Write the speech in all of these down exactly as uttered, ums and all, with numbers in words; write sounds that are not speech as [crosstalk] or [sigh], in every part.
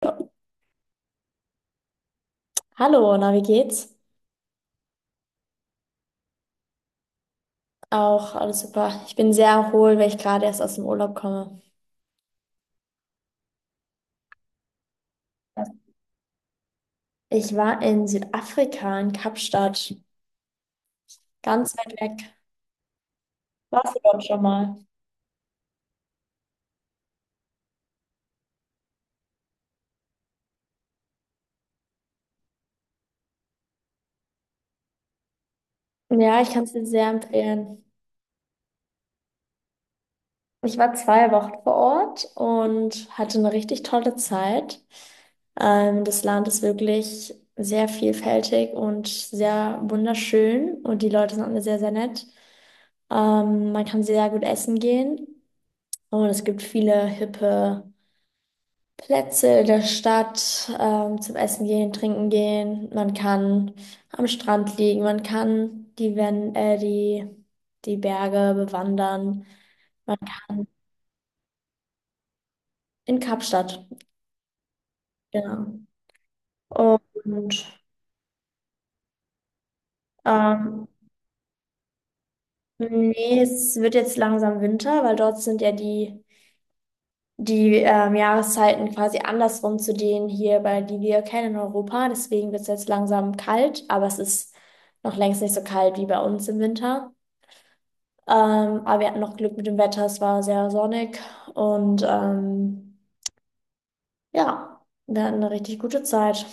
Ja. Hallo, na, wie geht's? Auch alles super. Ich bin sehr erholt, weil ich gerade erst aus dem Urlaub komme. Ich war in Südafrika, in Kapstadt, ganz weit weg. Warst du dort schon mal? Ja, ich kann es dir sehr empfehlen. Ich war zwei Wochen vor Ort und hatte eine richtig tolle Zeit. Ähm, das Land ist wirklich sehr vielfältig und sehr wunderschön und die Leute sind alle sehr, sehr nett. Ähm, man kann sehr gut essen gehen. Oh, und es gibt viele hippe Plätze in der Stadt, ähm, zum Essen gehen, trinken gehen. Man kann am Strand liegen, man kann die, Wen- äh, die, die Berge bewandern, man kann in Kapstadt, genau. Und ähm, nee, es wird jetzt langsam Winter, weil dort sind ja die die ähm, Jahreszeiten quasi andersrum zu denen hier, bei die wir kennen in Europa. Deswegen wird es jetzt langsam kalt, aber es ist noch längst nicht so kalt wie bei uns im Winter. Ähm, aber wir hatten noch Glück mit dem Wetter, es war sehr sonnig und ähm, ja, wir hatten eine richtig gute Zeit.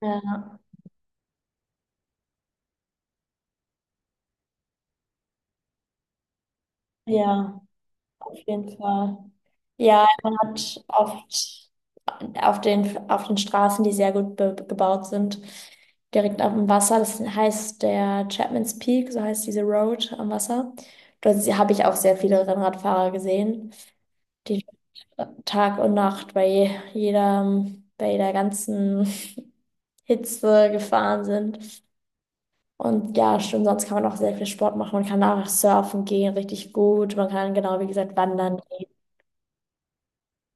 Ja, ja, auf jeden Fall. Ja, man hat oft auf den, auf den Straßen, die sehr gut be gebaut sind, direkt auf dem Wasser. Das heißt der Chapman's Peak, so heißt diese Road am Wasser. Dort sie- habe ich auch sehr viele Rennradfahrer gesehen, die Tag und Nacht bei je- jeder, bei jeder ganzen [laughs] Hitze gefahren sind. Und ja, stimmt, sonst kann man auch sehr viel Sport machen. Man kann auch surfen gehen, richtig gut. Man kann genau, wie gesagt, wandern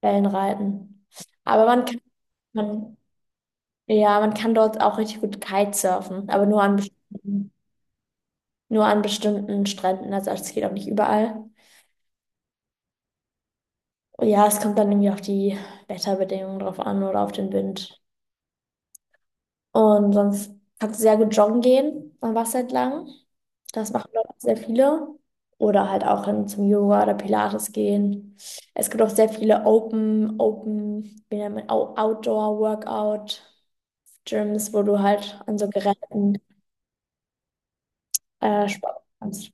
Wellenreiten. Aber man kann, man, ja, man kann dort auch richtig gut Kitesurfen, aber nur an bestimmten, nur an bestimmten Stränden. Also es geht auch nicht überall. Und ja, es kommt dann irgendwie auf die Wetterbedingungen drauf an oder auf den Wind. Und sonst kannst du sehr gut joggen gehen am Wasser entlang. Das machen dort auch sehr viele. Oder halt auch hin zum Yoga oder Pilates gehen. Es gibt auch sehr viele Open, Open, wie nennt man, Outdoor-Workout Gyms, wo du halt an so Geräten äh, Sport kannst.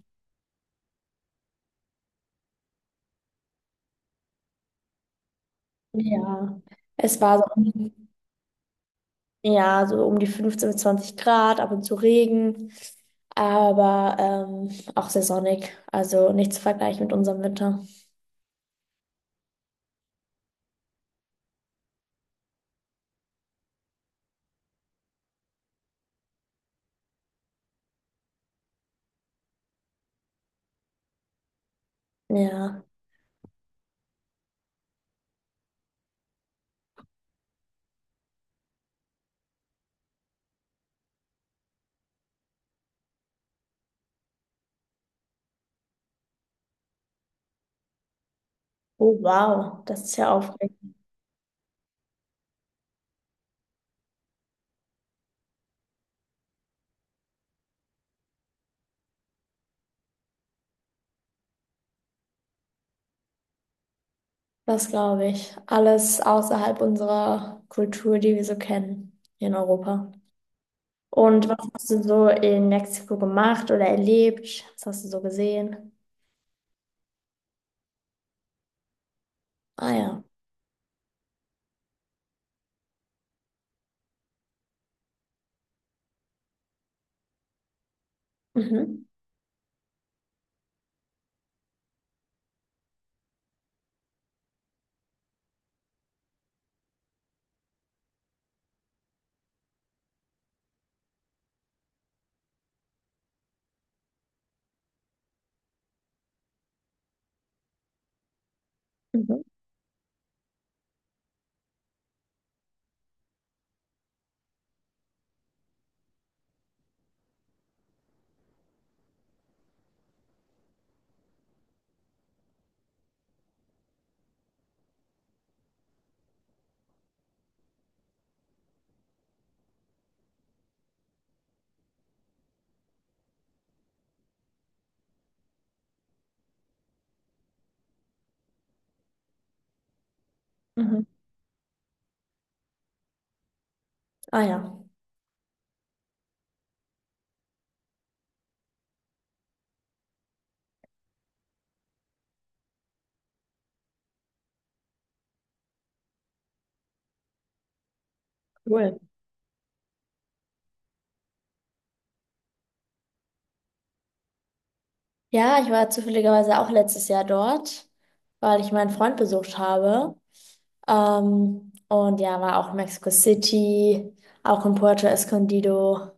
Ja, es war so, um- ja, so um die fünfzehn bis zwanzig Grad, ab und zu Regen, aber ähm, auch sehr sonnig. Also nicht zu vergleichen mit unserem Winter. Ja. Oh, wow, das ist ja aufregend. Das glaube ich. Alles außerhalb unserer Kultur, die wir so kennen hier in Europa. Und was hast du so in Mexiko gemacht oder erlebt? Was hast du so gesehen? Ah ja. Mhm. Mhm. Mhm. Ah ja, cool. Ja, ich war zufälligerweise auch letztes Jahr dort, weil ich meinen Freund besucht habe. Ähm, und ja, war auch in Mexico City, auch in Puerto Escondido.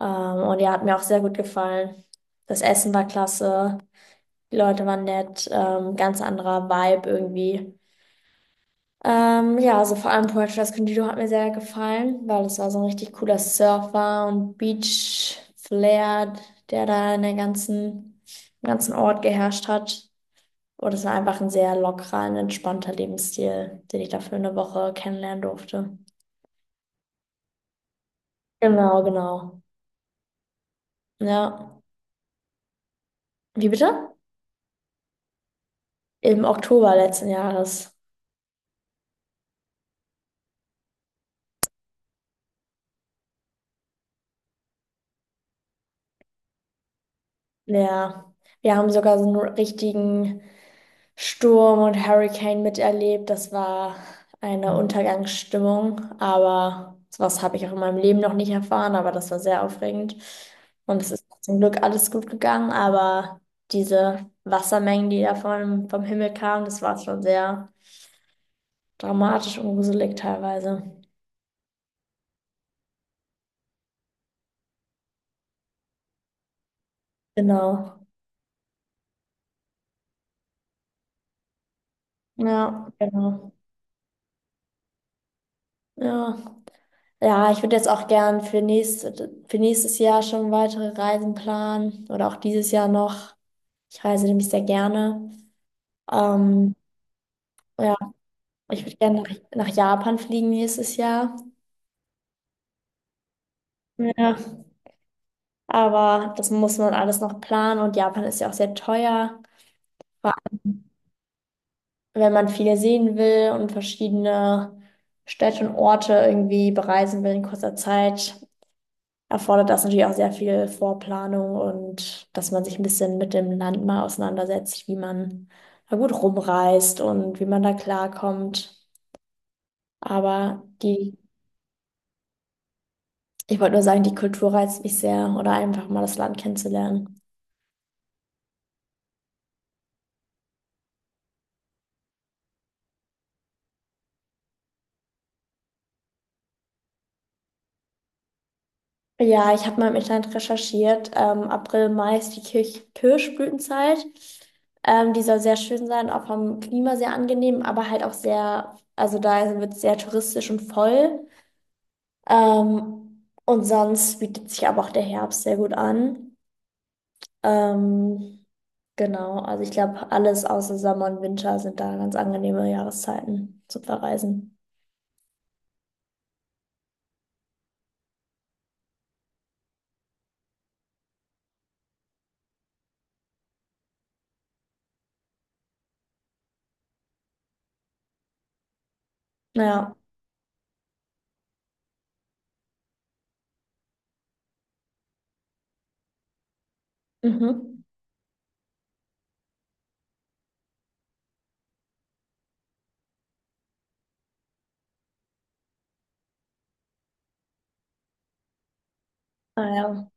Ähm, und ja, hat mir auch sehr gut gefallen. Das Essen war klasse, die Leute waren nett, ähm, ganz anderer Vibe irgendwie. Ähm, ja, also vor allem Puerto Escondido hat mir sehr gefallen, weil es war so ein richtig cooler Surfer und Beach-Flair, der da in der ganzen, im ganzen Ort geherrscht hat. Und es war einfach ein sehr lockerer und entspannter Lebensstil, den ich da für eine Woche kennenlernen durfte. Genau, genau. Ja. Wie bitte? Im Oktober letzten Jahres. Ja, wir haben sogar so einen richtigen Sturm und Hurricane miterlebt. Das war eine Untergangsstimmung, aber sowas habe ich auch in meinem Leben noch nicht erfahren, aber das war sehr aufregend. Und es ist zum Glück alles gut gegangen, aber diese Wassermengen, die da vom, vom Himmel kamen, das war schon sehr dramatisch und gruselig teilweise. Genau. Ja, genau. Ja. Ja, ich würde jetzt auch gern für nächstes, für nächstes Jahr schon weitere Reisen planen oder auch dieses Jahr noch. Ich reise nämlich sehr gerne. Ähm, ja, ich würde gerne nach, nach Japan fliegen nächstes Jahr. Ja, aber das muss man alles noch planen und Japan ist ja auch sehr teuer. Vor allem, wenn man viel sehen will und verschiedene Städte und Orte irgendwie bereisen will in kurzer Zeit, erfordert das natürlich auch sehr viel Vorplanung und dass man sich ein bisschen mit dem Land mal auseinandersetzt, wie man da gut rumreist und wie man da klarkommt. Aber die, ich wollte nur sagen, die Kultur reizt mich sehr oder einfach mal das Land kennenzulernen. Ja, ich habe mal im Internet recherchiert. Ähm, April, Mai ist die Kirch Kirschblütenzeit. Ähm, die soll sehr schön sein, auch vom Klima sehr angenehm, aber halt auch sehr, also da wird es sehr touristisch und voll. Ähm, und sonst bietet sich aber auch der Herbst sehr gut an. Ähm, genau, also ich glaube, alles außer Sommer und Winter sind da ganz angenehme Jahreszeiten zu Verreisen. Naja, mhm. Naja,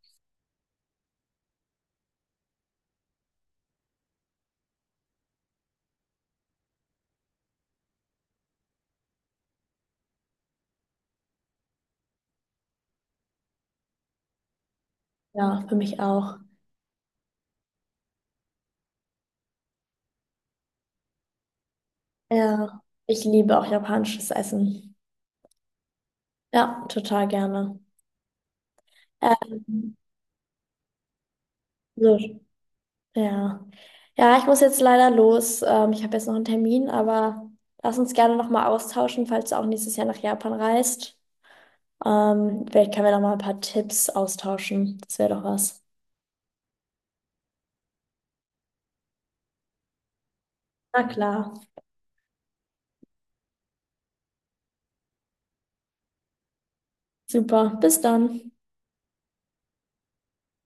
ja, ja, für mich auch. Ja, ich liebe auch japanisches Essen. Ja, total gerne. Ähm, so, ja. Ja, ich muss jetzt leider los. Ähm, ich habe jetzt noch einen Termin, aber lass uns gerne nochmal austauschen, falls du auch nächstes Jahr nach Japan reist. Ähm, vielleicht können wir noch mal ein paar Tipps austauschen. Das wäre doch was. Na klar. Super. Bis dann.